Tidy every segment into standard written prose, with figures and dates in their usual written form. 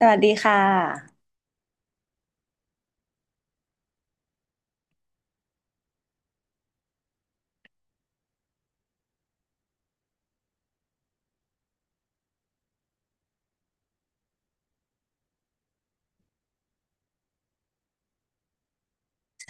สวัสดีค่ะ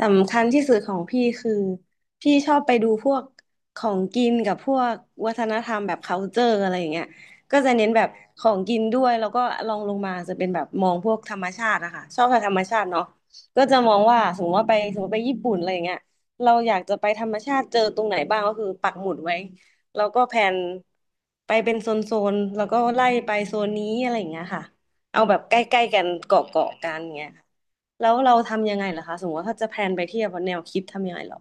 สำคัญที่สุดของพี่คือพี่ชอบไปดูพวกของกินกับพวกวัฒนธรรมแบบ culture อะไรอย่างเงี้ยก็จะเน้นแบบของกินด้วยแล้วก็ลองลงมาจะเป็นแบบมองพวกธรรมชาติอะค่ะชอบกับธรรมชาติเนาะก็จะมองว่าสมมติว่าไปสมมติไปญี่ปุ่นอะไรอย่างเงี้ยเราอยากจะไปธรรมชาติเจอตรงไหนบ้างก็คือปักหมุดไว้แล้วก็แผนไปเป็นโซนๆแล้วก็ไล่ไปโซนนี้อะไรอย่างเงี้ยค่ะ เอาแบบใกล้ๆกันเกาะกันเงี้ยค่ะแล้วเราทำยังไงล่ะคะสมมติว่าถ้าจะแพลนไปเที่ยวแนวคิดทำยังไงเหรอ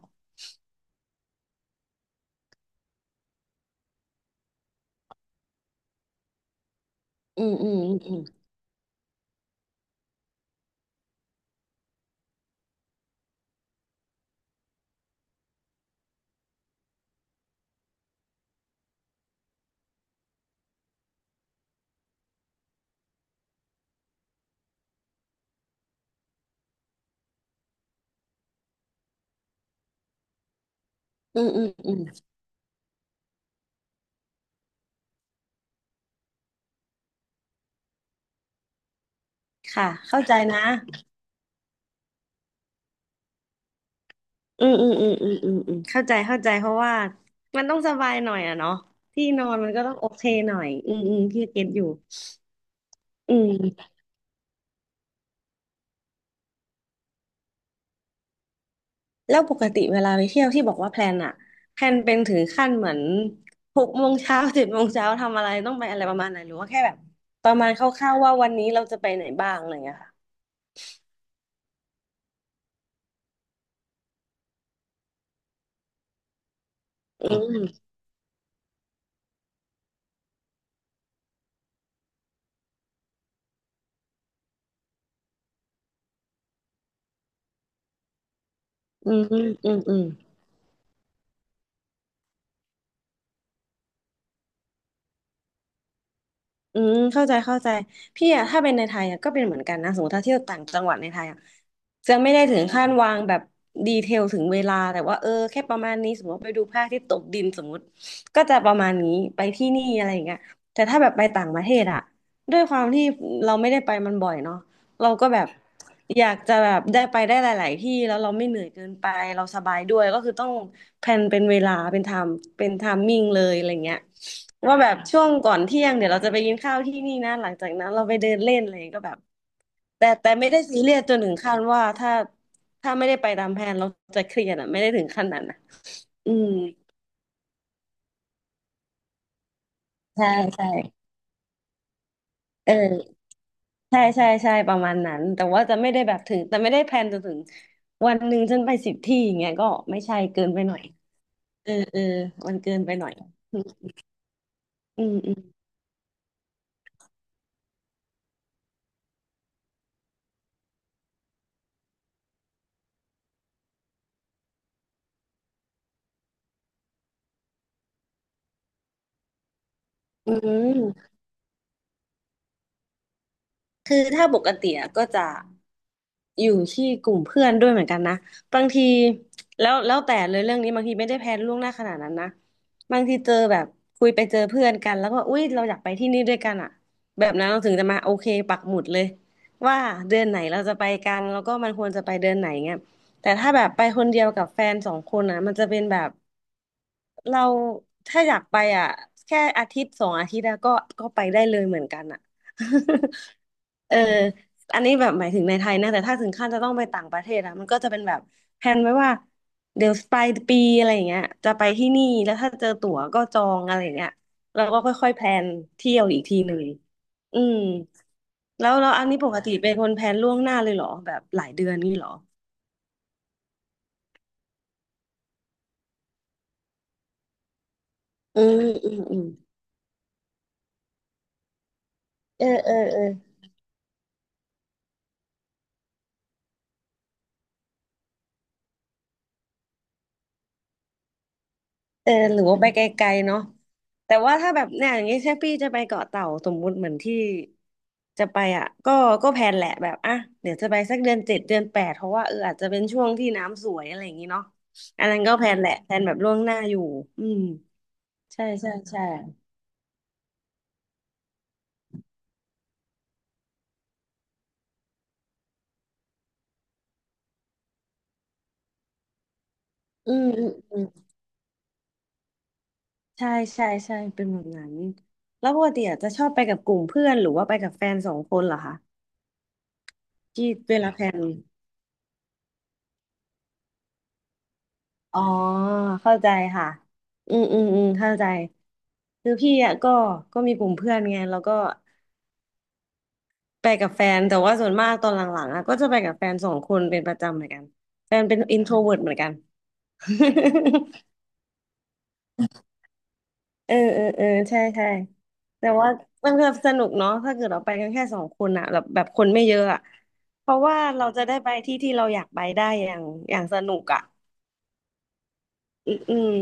อืมอืมอืมอืมอืมอืมค่ะเข้าใจนะอืมอืมอืมอืมอืมอืมเข้าใจเข้าใจเพราะว่ามันต้องสบายหน่อยอะเนาะที่นอนมันก็ต้องโอเคหน่อยอืมอืมพี่เก็ตอยู่อืมแล้วปกติเวลาไปเที่ยวที่บอกว่าแพลนอะแพลนเป็นถึงขั้นเหมือนหกโมงเช้าเจ็ดโมงเช้าทำอะไรต้องไปอะไรประมาณไหนหรือว่าแค่แบบประมาณคร่าวๆว่าวันนี้เราจะไปไหนบ้างอะไรอย่างเงี้ย อืมอืมอืมอืมอืมเข้าใจเข้าใจพี่อะถ้าเป็นในไทยอะก็เป็นเหมือนกันนะสมมติถ้าเที่ยวต่างจังหวัดในไทยอะจะไม่ได้ถึงขั้นวางแบบดีเทลถึงเวลาแต่ว่าเออแค่ประมาณนี้สมมติไปดูพระอาทิตย์ตกดินสมมติก็จะประมาณนี้ไปที่นี่อะไรอย่างเงี้ยแต่ถ้าแบบไปต่างประเทศอะด้วยความที่เราไม่ได้ไปมันบ่อยเนาะ เราก็แบบอยากจะแบบได้ไปได้หลายๆที่แล้วเราไม่เหนื่อยเกินไปเราสบายด้วยก็คือต้องแพลนเป็นเวลาเป็นไทม์เป็นไทมมิ่งเลยอะไรเงี้ยว่าแบบช่วงก่อนเที่ยงเดี๋ยวเราจะไปกินข้าวที่นี่นะหลังจากนั้นเราไปเดินเล่นอะไรก็แบบแต่ไม่ได้ซีเรียสจนถึงขั้นว่าถ้าไม่ได้ไปตามแผนเราจะเครียดอ่ะไม่ได้ถึงขั้นนั้นนะอืมใช่ใช่เออ ใช่ใช่ใช่ประมาณนั้นแต่ว่าจะไม่ได้แบบถึงแต่ไม่ได้แพลนจนถึงวันหนึ่งฉันไปสิบที่อย่างเงี้ยก็ไม่ใช่เกินไปหน่อยเออเออมันเกินไปหน่อยอืมอืมอืมคือถ้าปกติอะก็จะ อยู่ที่กลุ่มเพื่อนด้วยเหมือนกันนะบางทีแล้วแต่เลยเรื่องนี้บางทีไม่ได้แพลนล่วงหน้าขนาดนั้นนะบางทีเจอแบบคุยไปเจอเพื่อนกันแล้วก็อุ๊ยเราอยากไปที่นี่ด้วยกันอ่ะแบบนั้นเราถึงจะมาโอเคปักหมุดเลยว่าเดือนไหนเราจะไปกันแล้วก็มันควรจะไปเดือนไหนเงี้ยแต่ถ้าแบบไปคนเดียวกับแฟนสองคนอ่ะมันจะเป็นแบบ เราถ้าอยากไปอ่ะแค่อาทิตย์สองอาทิตย์แล้ก็ก็ไปได้เลยเหมือนกันอ่ะ เอออันนี้แบบหมายถึงในไทยนะแต่ถ้าถึงขั้นจะต้องไปต่างประเทศอะมันก็จะเป็นแบบแพนไว้ว่าเดี๋ยวปลายปีอะไรอย่างเงี้ยจะไปที่นี่แล้วถ้าเจอตั๋วก็จองอะไรอย่างเงี้ยแล้วก็ค่อยๆแพลนเที่ยวอีกทีหนึ่งอืมแล้วอันนี้ปกติเป็นคนแพลนล่วงหน้าเลยเหรอแบบหลายเดือนนี่เหรออืมอืมอืมเออเออเออ เออหรือว่าไปไกลๆเนาะแต่ว่าถ้าแบบเนี่ยอย่างงี้ใช่พี่จะไปเกาะเต่าสมมุติเหมือนที่จะไปอ่ะก็ก็แพลนแหละแบบอ่ะเดี๋ยวจะไปสักเดือนเจ็ดเดือนแปดเพราะว่าเอออาจจะเป็นช่วงที่น้ำสวยอะไรอย่างงี้เนาะอันนั้นก็แพลนแหละแพลนแบบล่วงหน้าอยู่อืมใช่ใช่ใช่อืมอืมอืมใช่ใช่ใช่เป็นแบบนั้นแล้วปกติอะจะชอบไปกับกลุ่มเพื่อนหรือว่าไปกับแฟนสองคนเหรอคะที่เวลาแพลน อ๋อเข้าใจค่ะอืมอืมอืมเข้าใจคือพี่อ่ะก็ก็มีกลุ่มเพื่อนไงแล้วก็ไปกับแฟนแต่ว่าส่วนมากตอนหลังๆอ่ะก็จะไปกับแฟนสองคนเป็นประจำเหมือนกันแฟนเป็นอินโทรเวิร์เหมือนกัน เออเออเออใช่ใช่แต่ว่ามันก็สนุกเนาะถ้าเกิดเราไปกันแค่สองคนอะแบบคนไม่เยอะอะเพราะว่าเราจะได้ไปที่ที่เราอยากไปได้อย่างอย่างสนุกอะอืม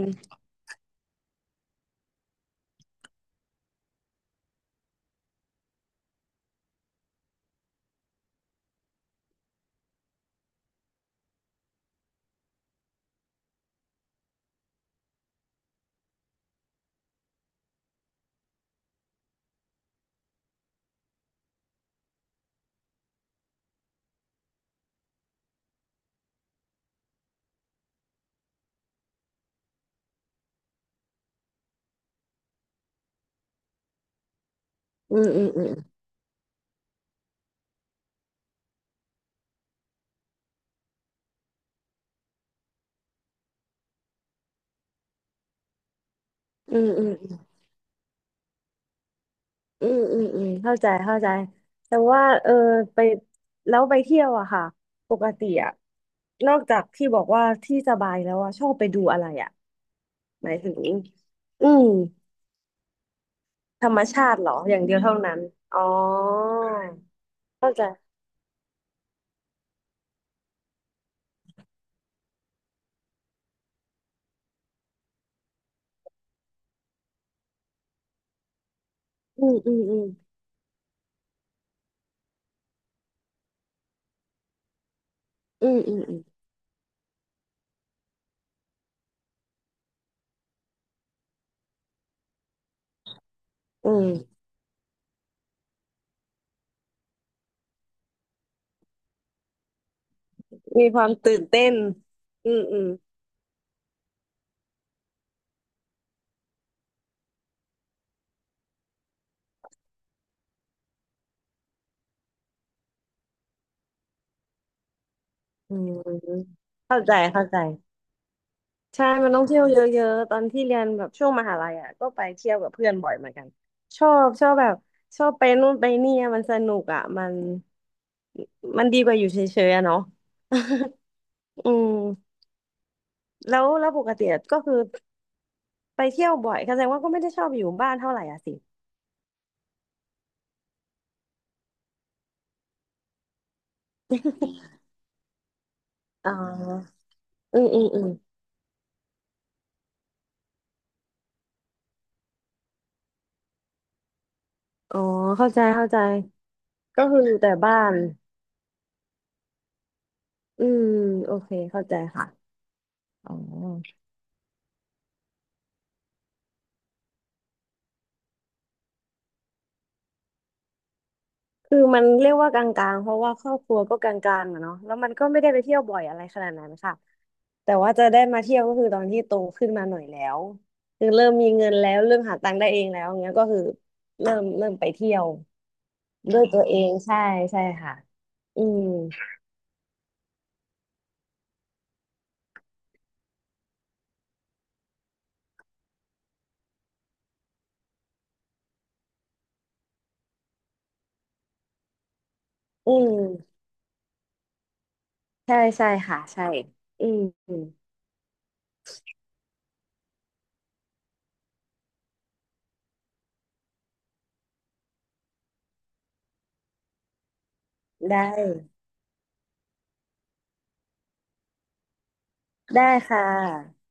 อืมอืมอืมอืมอืม อืมอืมอืมเข้าใจเข้าใจแต่ว่าเออไปแล้วไปเที่ยวอะค่ะปกติอะนอกจากที่บอกว่าที่สบายแล้วอะชอบไปดูอะไรอะหมายถึงอืมธรรมชาติเหรออย่างเดียวเท่านั้นอ๋อเข้าใจอืมอืมอืมอืมอืมอืมอืมมีความตื่นเต้นอืมอืมอืมเข้าใจเข้าใจ ใช่ มันต้องเที่ยวเยอะๆตอนที่เรียนแบบช่วงมหาลัยอ่ะก็ไปเที่ยวกับเพื่อนบ่อยเหมือนกันชอบแบบชอบไปนู่นไปนี่อะมันสนุกอ่ะมันมันดีกว่าอยู่เฉยๆอะเนาะ อืมแล้วปกติอะก็คือไปเที่ยวบ่อยแสดงว่าก็ไม่ได้ชอบอยู่บ้านเท่าไหร่อ่ะสิอ๋ออืมอืมอืมอ๋อเข้าใจเข้าใจก็คืออยู่แต่บ้านอืมโอเค เข้าใจค่ะอ๋อ คือมันเรียกว่ากลางๆเพราะว่าครอบครัวก็กลางๆอะเนาะแล้วมันก็ไม่ได้ไปเที่ยวบ่อยอะไรขนาดนั้นค่ะแต่ว่าจะได้มาเที่ยวก็คือตอนที่โตขึ้นมาหน่อยแล้วคือเริ่มมีเงินแล้วเริ่มหาตังค์ได้เองแล้วเงี้ยก็คือเริ่มไปเที่ยวด้วยตัวเองใช่ใช่ค่ะ อืมอืมใช่ใช่ค่ะใช่อืมอืมได้ได้ค่ะ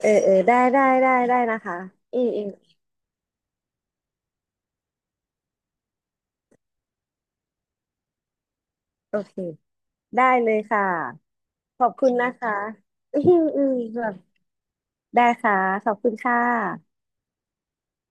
เออเออได้ได้ได้ได้นะคะอืมอืมโอเคได้เลยค่ะ ขอบคุณนะคะ อืมอืมแบบได้ค่ะ ขอบคุณค่ะ